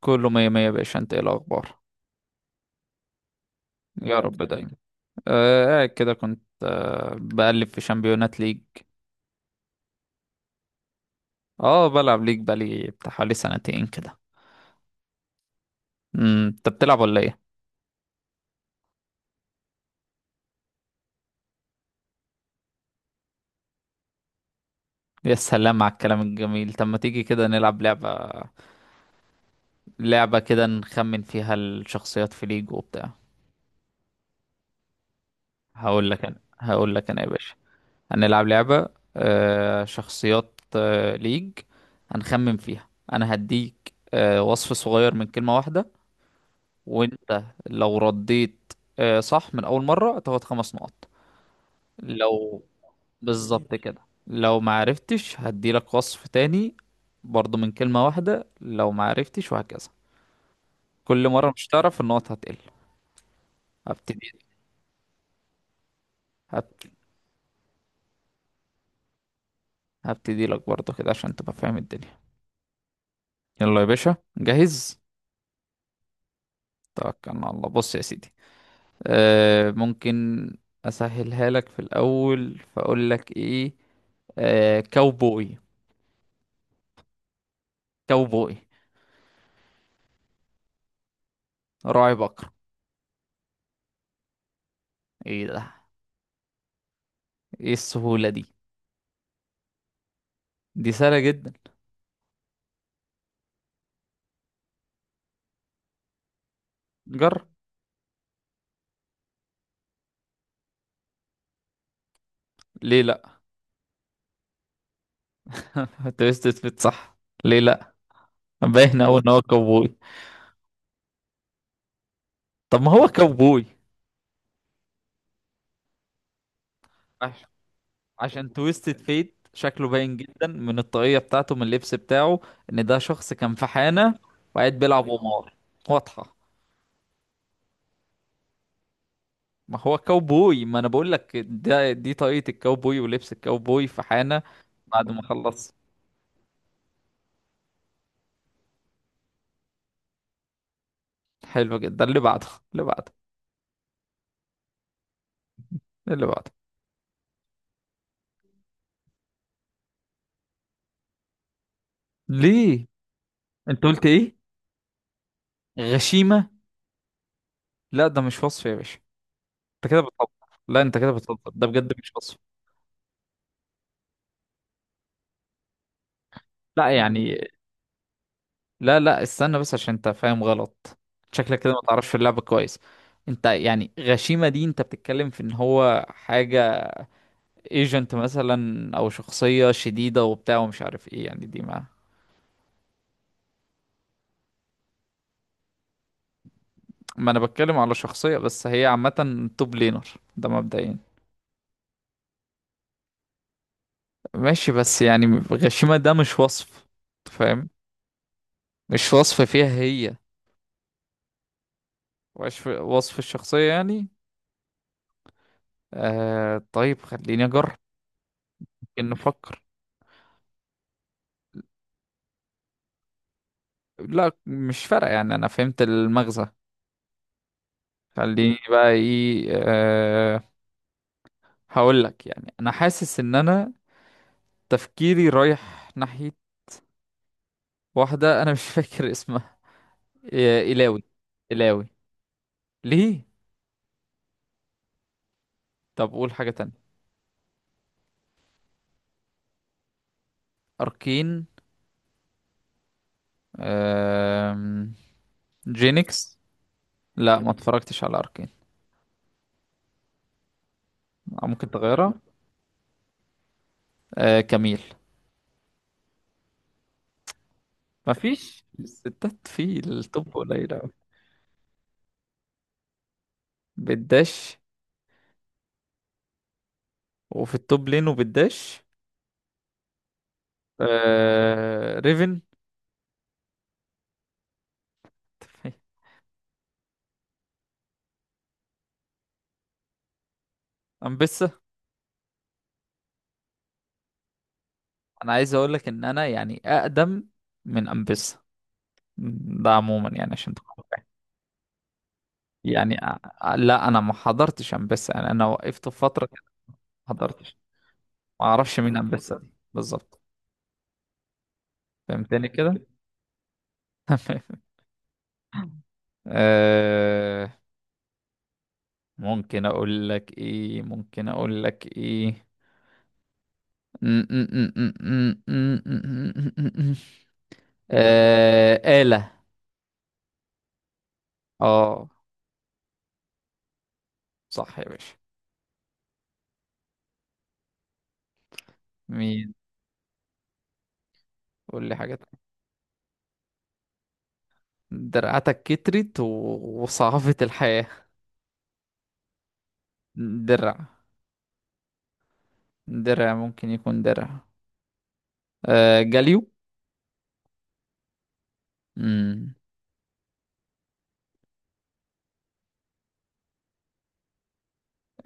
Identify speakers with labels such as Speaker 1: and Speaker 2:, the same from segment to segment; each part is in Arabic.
Speaker 1: كله مية مية يا باشا، انت ايه الاخبار؟ يا الحمد رب لله دايما. قاعد كده، كنت بقلب في شامبيونات ليج. اه، بلعب ليج بقالي بتاع حوالي 2 سنين كده. انت بتلعب ولا ايه؟ يا سلام على الكلام الجميل. طب ما تيجي كده نلعب لعبة، لعبة كده نخمن فيها الشخصيات في ليج وبتاع. هقول لك انا يا باشا. هنلعب لعبة شخصيات ليج، هنخمن فيها. انا هديك وصف صغير من كلمة واحدة، وانت لو رديت صح من اول مرة، تاخد 5 نقط. لو، بالظبط كده، لو ما عرفتش هديلك وصف تاني برضو من كلمة واحدة، لو ما عرفتش وهكذا. كل مرة مش هتعرف النقط هتقل. هبتدي. هبت- هبتدي لك برضو كده عشان تبقى فاهم الدنيا. يلا يا باشا، جاهز؟ توكلنا على الله. بص يا سيدي، ممكن اسهلها لك في الاول، فاقول لك ايه؟ كاوبوي. كاوبوي. راعي بقر. ايه ده؟ ايه السهولة دي؟ دي سهلة جدا. جرب. ليه لا؟ انت بس تثبت صح. ليه لا؟ باين اوي ان هو كوبوي. طب ما هو كوبوي. عش- عشان تويستد فيت شكله باين جدا من الطاقية بتاعته، من اللبس بتاعه، ان ده شخص كان في حانة وقاعد بيلعب قمار. واضحة. ما هو كوبوي، ما انا بقول لك ده، دي طاقية الكوبوي ولبس الكوبوي في حانة بعد ما خلص. حلو جدا. اللي بعده، اللي بعده، اللي بعده. ليه؟ انت قلت ايه؟ غشيمة. لا ده مش وصف يا باشا. انت كده بتهزر. لا انت كده بتهزر، ده بجد مش وصف. لا يعني. لا، لا، استنى بس عشان انت فاهم غلط. شكلك كده ما تعرفش اللعبة كويس. انت يعني غشيمة دي، انت بتتكلم في ان هو حاجة، ايجنت مثلا او شخصية شديدة وبتاع ومش عارف ايه، يعني دي ما. ما انا بتكلم على شخصية بس هي عامة توب لينر، ده مبدئيا. ماشي بس يعني، غشيمة ده مش وصف. أنت فاهم، مش وصف فيها هي. وصف الشخصية يعني. طيب خليني اجرب. ان نفكر. لا مش فارقه يعني، انا فهمت المغزى. خليني بقى ايه، هقول لك، يعني انا حاسس ان انا تفكيري رايح ناحيه واحده، انا مش فاكر اسمها. إلاوي. إلاوي. ليه؟ طب قول حاجه تانية. اركين. آه جينكس. لا ما اتفرجتش على اركين. أو ممكن تغيرها. كميل. مفيش، الستات في التوب قليل أوي. بتداش. وفي التوب لين وبالداش. ريفن. امبيسا. انا عايز اقول لك ان انا يعني اقدم من امبيسا، ده عموما يعني عشان تكون فاهم. يعني أ- لا انا ما حضرتش امبيسا، يعني انا وقفت في فتره كده، ما حضرتش، ما اعرفش مين امبيسا دي. بالظبط. فهمتني كده. تمام. آه... ممكن اقول لك ايه؟ آلة. اه، صح يا باشا. مين؟ قول لي حاجة تانية. درعتك كترت وصعبت الحياة. درع. درع ممكن يكون درع. جاليو. مم.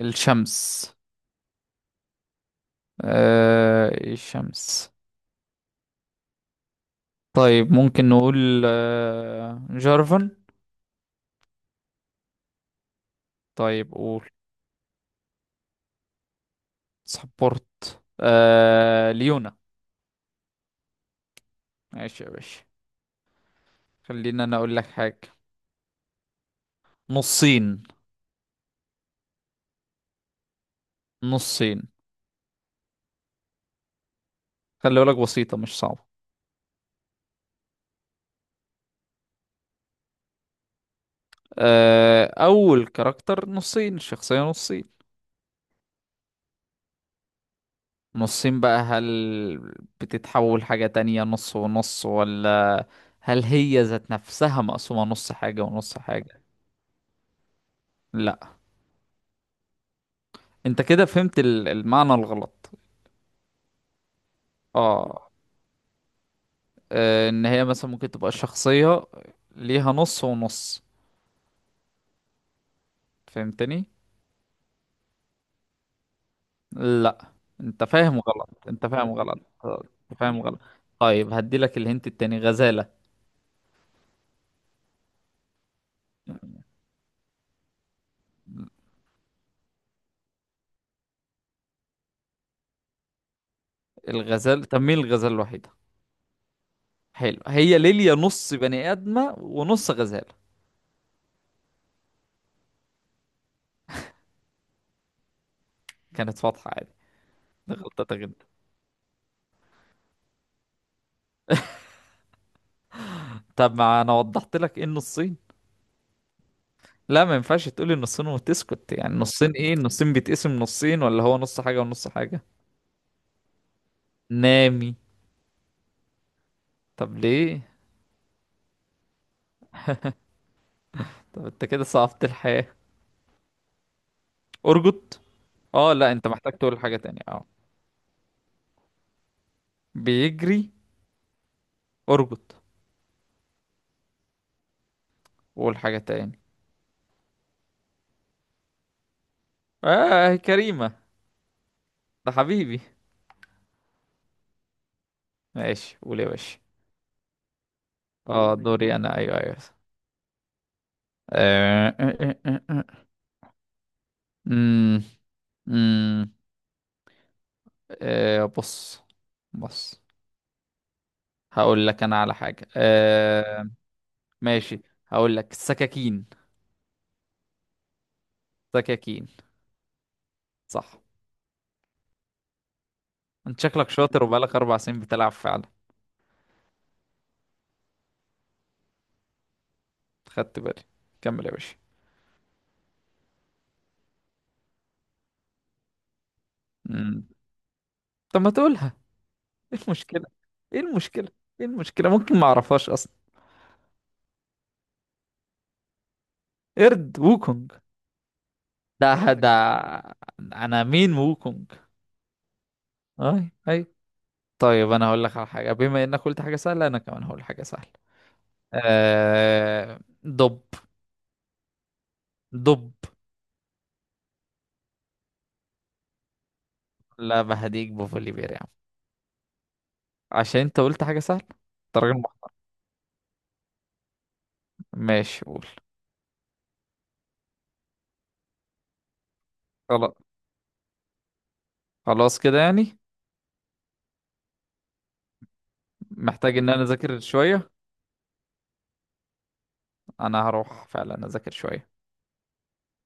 Speaker 1: الشمس. الشمس. طيب ممكن نقول جارفن. طيب قول. سبورت ليونا. ماشي يا باشا. خلينا، انا اقول لك حاجة. نصين. نصين. خلي بالك بسيطة مش صعبة. أول كاركتر، نصين الشخصية نصين. نصين بقى، هل بتتحول حاجة تانية نص ونص، ولا هل هي ذات نفسها مقسومة نص حاجة ونص حاجة؟ لا انت كده فهمت المعنى الغلط. اه. ان هي مثلا ممكن تبقى الشخصية ليها نص ونص. فهمتني. لا. انت فاهم غلط، انت فاهم غلط. آه، انت فاهم غلط. طيب هدي لك الهنت التاني، غزالة. طب مين الغزالة الوحيدة؟ حلو. هي ليليا نص بني ادمه ونص غزاله، كانت واضحه عادي. ده غلطتك جدا. طب ما انا وضحت لك ايه النصين. لا ما ينفعش تقولي النصين وتسكت، يعني النصين ايه؟ النصين بيتقسم نصين، ولا هو نص حاجه ونص حاجه. نامي. طب ليه؟ طب انت كده صعبت الحياه. ارجط. اه لا، انت محتاج تقول حاجه تانية. اه، بيجري. ارجط. قول حاجه تاني. اه كريمه. ده حبيبي. ماشي قول يا باشا. اه، دوري انا. ايوه، ايوه. آه، آه، آه، آه، آه. امم امم بص. بص. هقول لك انا على حاجه، ماشي، هقول لك سكاكين. سكاكين. صح. انت شكلك شاطر وبقالك 4 سنين بتلعب فعلا. خدت بالي. كمل يا باشا. امم طب ما تقولها. ايه المشكله؟ ايه المشكله ايه المشكله؟ ممكن ما اعرفهاش اصلا. قرد ووكونج. ده انا. مين ووكونج؟ اي اي. طيب انا هقول لك على حاجه، بما انك قلت حاجه سهله، انا كمان هقول حاجه سهله. دب. دب. لا ما هديك بفوليبير يا عم. عشان انت قلت حاجة سهلة. انت راجل ماشي قول. خلاص. خلاص كده يعني. محتاج ان انا اذاكر شوية. انا هروح فعلا اذاكر شوية.